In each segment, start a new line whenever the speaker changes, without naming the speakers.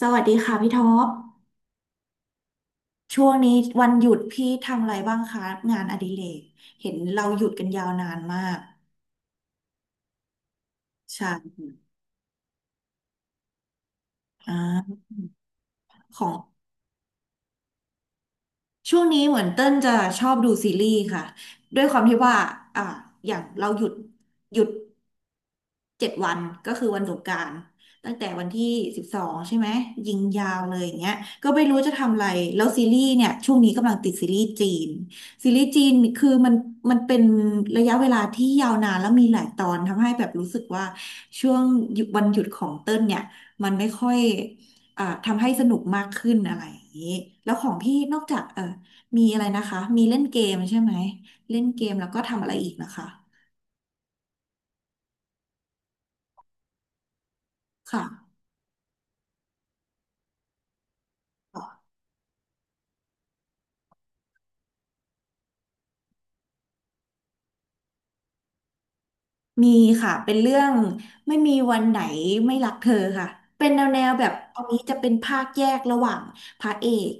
สวัสดีค่ะพี่ท็อป ช่วงนี้วันหยุดพี่ทำอะไรบ้างคะงานอดิเรกเห็นเราหยุดกันยาวนานมากใช่อ่าของช่วงนี้เหมือนเต้นจะชอบดูซีรีส์ค่ะ ด้วยความที่ว่าอ่าอย่างเราหยุดหยุด 7 วันก็คือวันสงกรานต์ตั้งแต่วันที่12ใช่ไหมยิงยาวเลยอย่างเงี้ยก็ไม่รู้จะทำอะไรแล้วซีรีส์เนี่ยช่วงนี้กำลังติดซีรีส์จีนซีรีส์จีนคือมันเป็นระยะเวลาที่ยาวนานแล้วมีหลายตอนทำให้แบบรู้สึกว่าช่วงหยุดวันหยุดของเต้ลเนี่ยมันไม่ค่อยทำให้สนุกมากขึ้นอะไรอย่างนี้แล้วของพี่นอกจากมีอะไรนะคะมีเล่นเกมใช่ไหมเล่นเกมแล้วก็ทำอะไรอีกนะคะค่ะ มีค่ะเป็นเรื่องไม่มีวันไหนไม่รักเธอค่ะเป็นแนวแบบตันนี้จะเป็นภาคแยกระหว่างพระเอก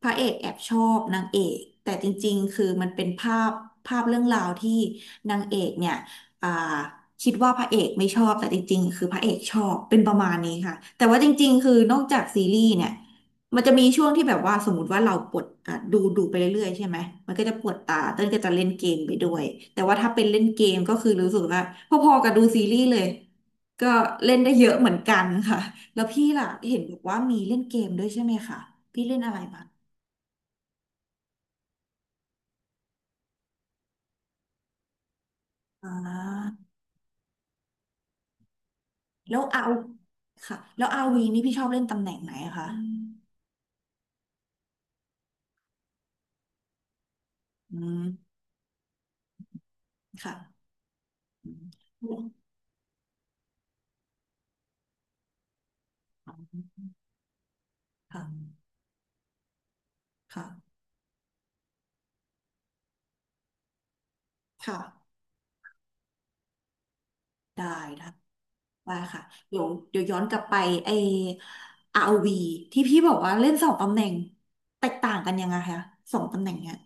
แอบชอบนางเอกแต่จริงๆคือมันเป็นภาพเรื่องราวที่นางเอกเนี่ยอ่าคิดว่าพระเอกไม่ชอบแต่จริงๆคือพระเอกชอบเป็นประมาณนี้ค่ะแต่ว่าจริงๆคือนอกจากซีรีส์เนี่ย มันจะมีช่วงที่แบบว่าสมมติว่าเราปวดอ่ะดูไปเรื่อยๆใช่ไหมมันก็จะปวดตาเต้นก็จะเล่นเกมไปด้วยแต่ว่าถ้าเป็นเล่นเกมก็คือรู้สึกว่าพอๆกับดูซีรีส์เลยก็เล่นได้เยอะเหมือนกันค่ะแล้วพี่ล่ะเห็นบอกว่ามีเล่นเกมด้วยใช่ไหมคะพี่เล่นอะไรบ้างอ่าแล้วเอาค่ะแล้วอาวีนี่พี่ชอบเล่นตำแหน่งไหนอะคะอืมค่ะอืมค่ะค่ะค่ะได้ได้ ว่าค่ะเดี๋ยวย้อนกลับไปไอ้ r วีที่พี่บอกว่าเล่นสองตำแหน่งแตกต่างกันยังไงคะสองตำแหน่งเนี้ย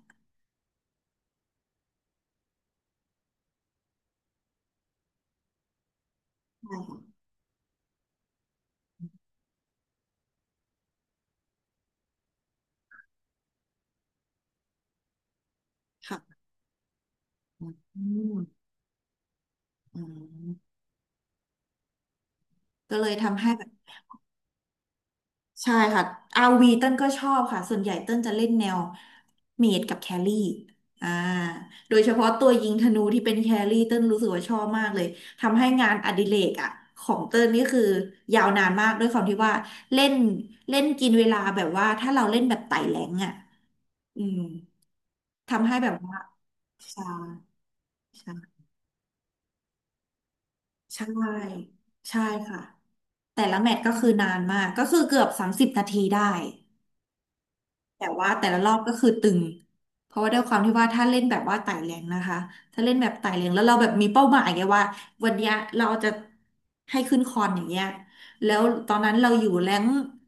ใช่ค่ะค่ะอืมอืมก็เลยทำให้แบบ ใช่ค่ะ RV เต้นก็ชอบค่ะส่วนใหญ่เต้นจะเล่นแนวเมจกับแครี่อ่าโดยเฉพาะตัวยิงธนูที่เป็นแครี่เต้นรู้สึกว่าชอบมากเลยทำให้งานอดิเรกอ่ะของเต้นนี่คือยาวนานมากด้วยความที่ว่าเล่นเล่นกินเวลาแบบว่าถ้าเราเล่นแบบไต่แรงอ่ะอืมทำให้แบบว่าใช่ใช่ใช่ใช่ค่ะแต่ละแมตช์ก็คือนานมากก็คือเกือบ30 นาทีได้ แต่ว่าแต่ละรอบก็คือตึงเพราะว่าด้วยความที่ว่าถ้าเล่นแบบว่าไต่แรงนะคะถ้าเล่นแบบไต่แรงแล้วเราแบบมีเป้าหมายไงว่าวันเนี้ยเราจะให้ขึ้นคอนอย่างเงี้ยแล้วตอนนั้นเราอยู่แรง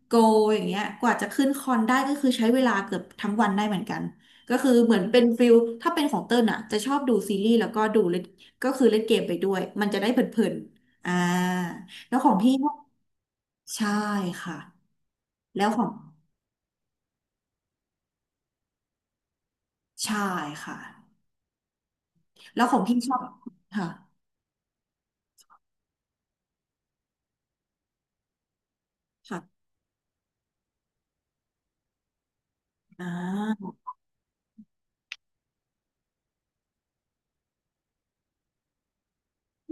โกอย่างเงี้ยกว่าจะขึ้นคอนได้ก็คือใช้เวลาเกือบทั้งวันได้เหมือนกันก็คือเหมือนเป็นฟิลถ้าเป็นของเติ้ลอ่ะจะชอบดูซีรีส์แล้วก็ดูเล่นก็คือเล่นเกมไปด้วยมันจะได้เพลินๆแล้วของพี่ใช่ค่ะแล้วของใช่ค่ะ แล้วของพี่ชอบค่ะค่ะอ่า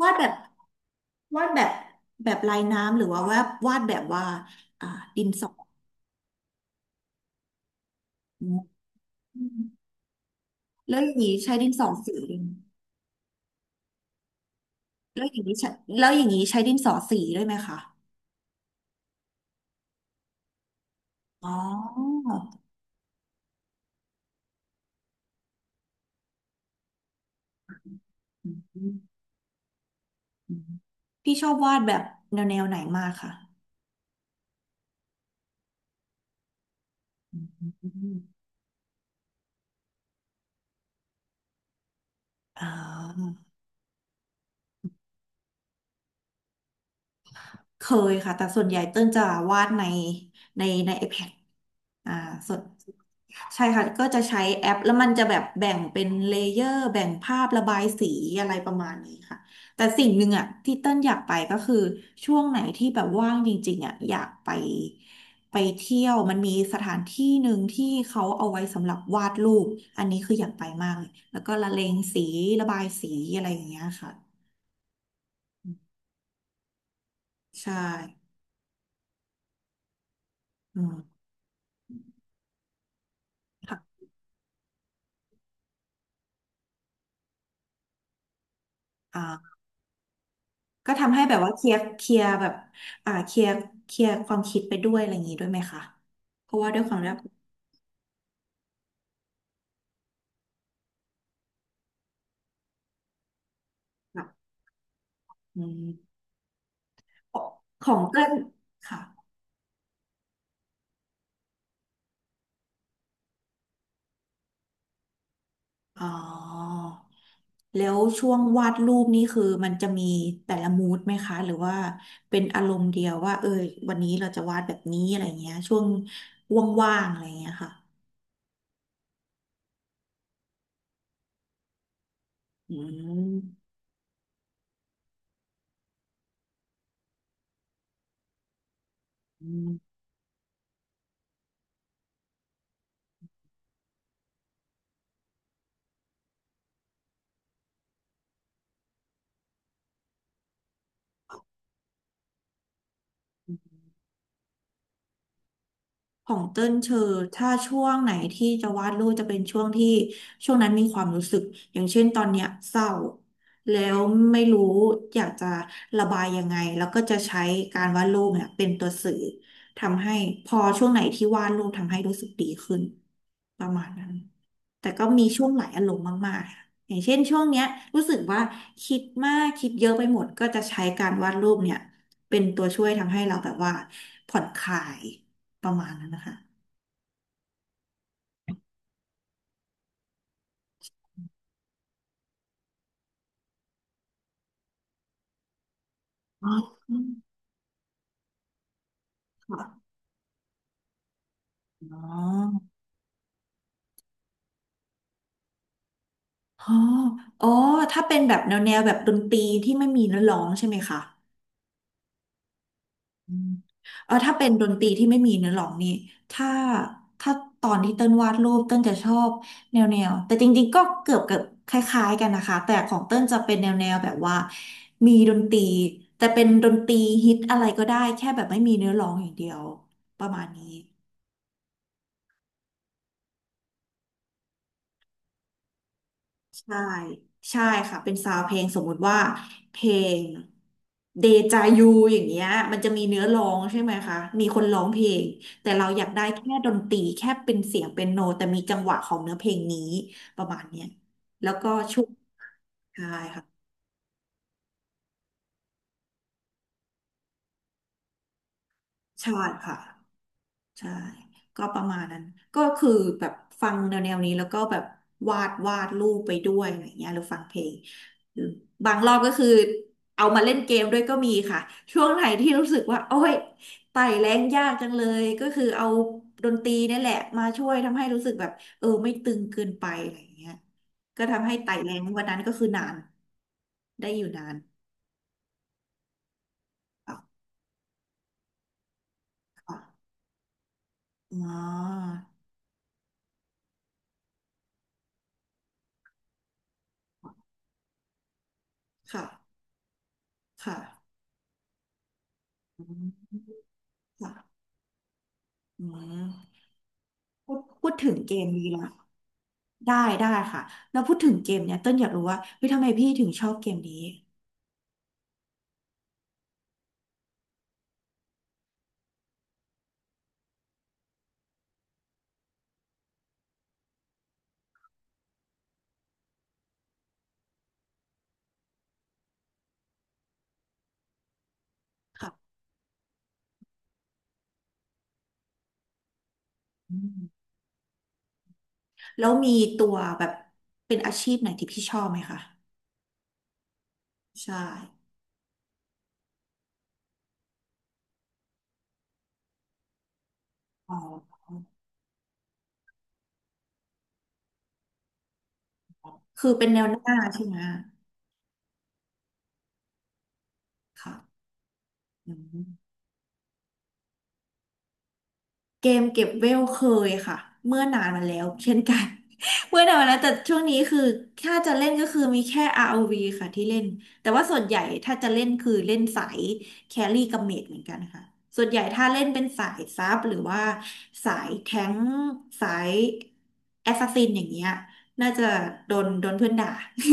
วาดแบบวาดแบบแบบลายน้ำหรือว่าวาดแบบว่าอ่าดินสออืมแล้วอย่างนี้ใช้ดินสอสีแล้วอย่างนี้ใช้แล้วอย่างนี้ใช้ดินสอสีด้วยไหมคะอ๋ออืมอืมอืมพี่ชอบวาดแบบแนวไหนมากค่ะอืมอืมอืมอ่าเคยค่ะแต่ส่วนใหญ่เติ้ลจะวาดในใน iPad อ่าสดใช่ค่ะก็จะใช้แอปแล้วมันจะแบบแบ่งเป็นเลเยอร์แบ่งภาพระบายสีอะไรประมาณนี้ค่ะแต่สิ่งหนึ่งอ่ะที่เต้นอยากไปก็คือช่วงไหนที่แบบว่างจริงๆอ่ะอยากไปเที่ยวมันมีสถานที่หนึ่งที่เขาเอาไว้สำหรับวาดรูปอันนี้คืออยากไปมากเลยแล้วก็ละเลงสีระบายสีอะไรอย่างเงี้ยค่ะใช่อืมค่ะอ่า ก็ทำให้แบบว่าเคลียร์แบบอ่าเคลียร์เคลียร์ความคิดไปด้วยอะไรอย่างนี้ด้วยไหมคะเพราะว่าด้วยความแบบแบบอืมของเกิ้ลค่ะอ๋อแล้วช่วงวาดรูปนี่คือมันจะมีแต่ละมูดไหมคะหรือว่าเป็นอารมณ์เดียวว่าเออวันนี้เราจะวาดแบบนี้อะไรเงี้ยช่วงว่างๆอะไรเงี้ยค่ะอืม ของเติ้นเชอถ้าช่วงไหนที่จะวาดรูปจะเป็นช่วงที่ช่วงนั้นมีความรู้สึกอย่างเช่นตอนเนี้ยเศร้าแล้วไม่รู้อยากจะระบายยังไงแล้วก็จะใช้การวาดรูปเนี่ยเป็นตัวสื่อทำให้พอช่วงไหนที่วาดรูปทำให้รู้สึกดีขึ้นประมาณนั้นแต่ก็มีช่วงหลายอารมณ์มากๆค่ะอย่างเช่นช่วงเนี้ยรู้สึกว่าคิดมากคิดเยอะไปหมดก็จะใช้การวาดรูปเนี่ยเป็นตัวช่วยทำให้เราแบบว่าผ่อนคลาย ประมาณนั้นนะคะอ๋อค่ะอ๋ออ๋ออ๋อถ้าเป็นแบบแนวแนวแบบดนตรีที่ไม่มีเนื้อร้องใช่ไหมคะอืมเออถ้าเป็นดนตรีที่ไม่มีเนื้อร้องนี่ถ้าถ้าตอนที่เต้นวาดรูปเต้นจะชอบแนวแนว แต่จริงๆ ก็เกือบเกือบคล้ายๆกันนะคะ แต่ของเต้นจะเป็นแนวแนวแบบว่ามีดนตรีแต่เป็นดนตรีฮิตอะไรก็ได้แค่แบบไม่มีเนื้อร้องอย่างเดียวประมาณนี้ ใช่ ใช่ค่ะ เป็นซาวด์เพลงสมมุติว่าเพลงเดจายูอย่างเงี้ยมันจะมีเนื้อร้องใช่ไหมคะ มีคนร้องเพลง แต่เราอยากได้แค่ดนตรีแค่เป็นเสียงเป็นโน แต่มีจังหวะของเนื้อเพลงนี้ประมาณเนี้ยแล้วก็ช่วงใช่ค่ะใช่ค่ะ ใช่ก็ประมาณนั้นก็คือแบบฟังแนวๆนี้แล้วก็แบบวาดรูปไปด้วยอะไรเงี้ยหรือฟังเพลงหรือบางรอบก็คือเอามาเล่นเกมด้วยก็มีค่ะช่วงไหนที่รู้สึกว่าโอ้ยไต่แรงยากจังเลยก็คือเอาดนตรีนี่แหละมาช่วยทำให้รู้สึกแบบเออไม่ตึงเกินไปอะไรเงี้ยก็ทำให้ไต่แรงวันนั้นก็คือนานได้อยู่นานค่ะค่ะอ๋อค่ะค่ะอืมค่ะอืม พูดถึงเกมนี้ละได้ได้ค่ะแล้วพูดถึงเกมเนี้ยเต้นอยากรู้ว่าเฮ้ยทำไมพี่ถึงชอบเกมนี้ค่ะอืมแล้วมีตัวแบบเป็นอาชีพไหนที่พี่ชอบไหมคะใช่อ๋อคือเป็นแนวหน้าใช่ไหมค่ะอืม เกมเก็บเวลเคยค่ะเมื่อนานมาแล้วเช่นกัน เมื่อนานมาแล้วแต่ช่วงนี้คือถ้าจะเล่นก็คือมีแค่ ROV ค่ะที่เล่นแต่ว่าส่วนใหญ่ถ้าจะเล่นคือเล่นสายแครี่กับเมจเหมือนกันค่ะส่วนใหญ่ถ้าเล่นเป็นสายซับหรือว่าสายแท้งสายแอสซัสซินอย่างเงี้ยน่าจะโดนเพื่อนด่า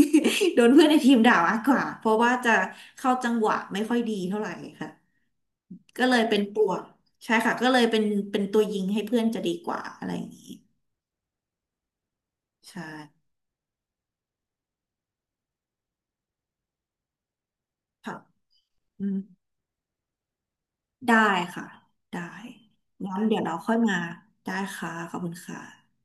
โดนเพื่อนในทีมด่ามากกว่าเพราะว่าจะเข้าจังหวะไม่ค่อยดีเท่าไหร่ค่ะ ก็เลยเป็นปวกใช่ค่ะก็เลยเป็นเป็นตัวยิงให้เพื่อนจะดีกว่าอะไรอย่างนี้ใช่ค่ะอืมได้ค่ะได้งั้นเดี๋ยวเราค่อยมาได้ค่ะขอบคุณค่ะ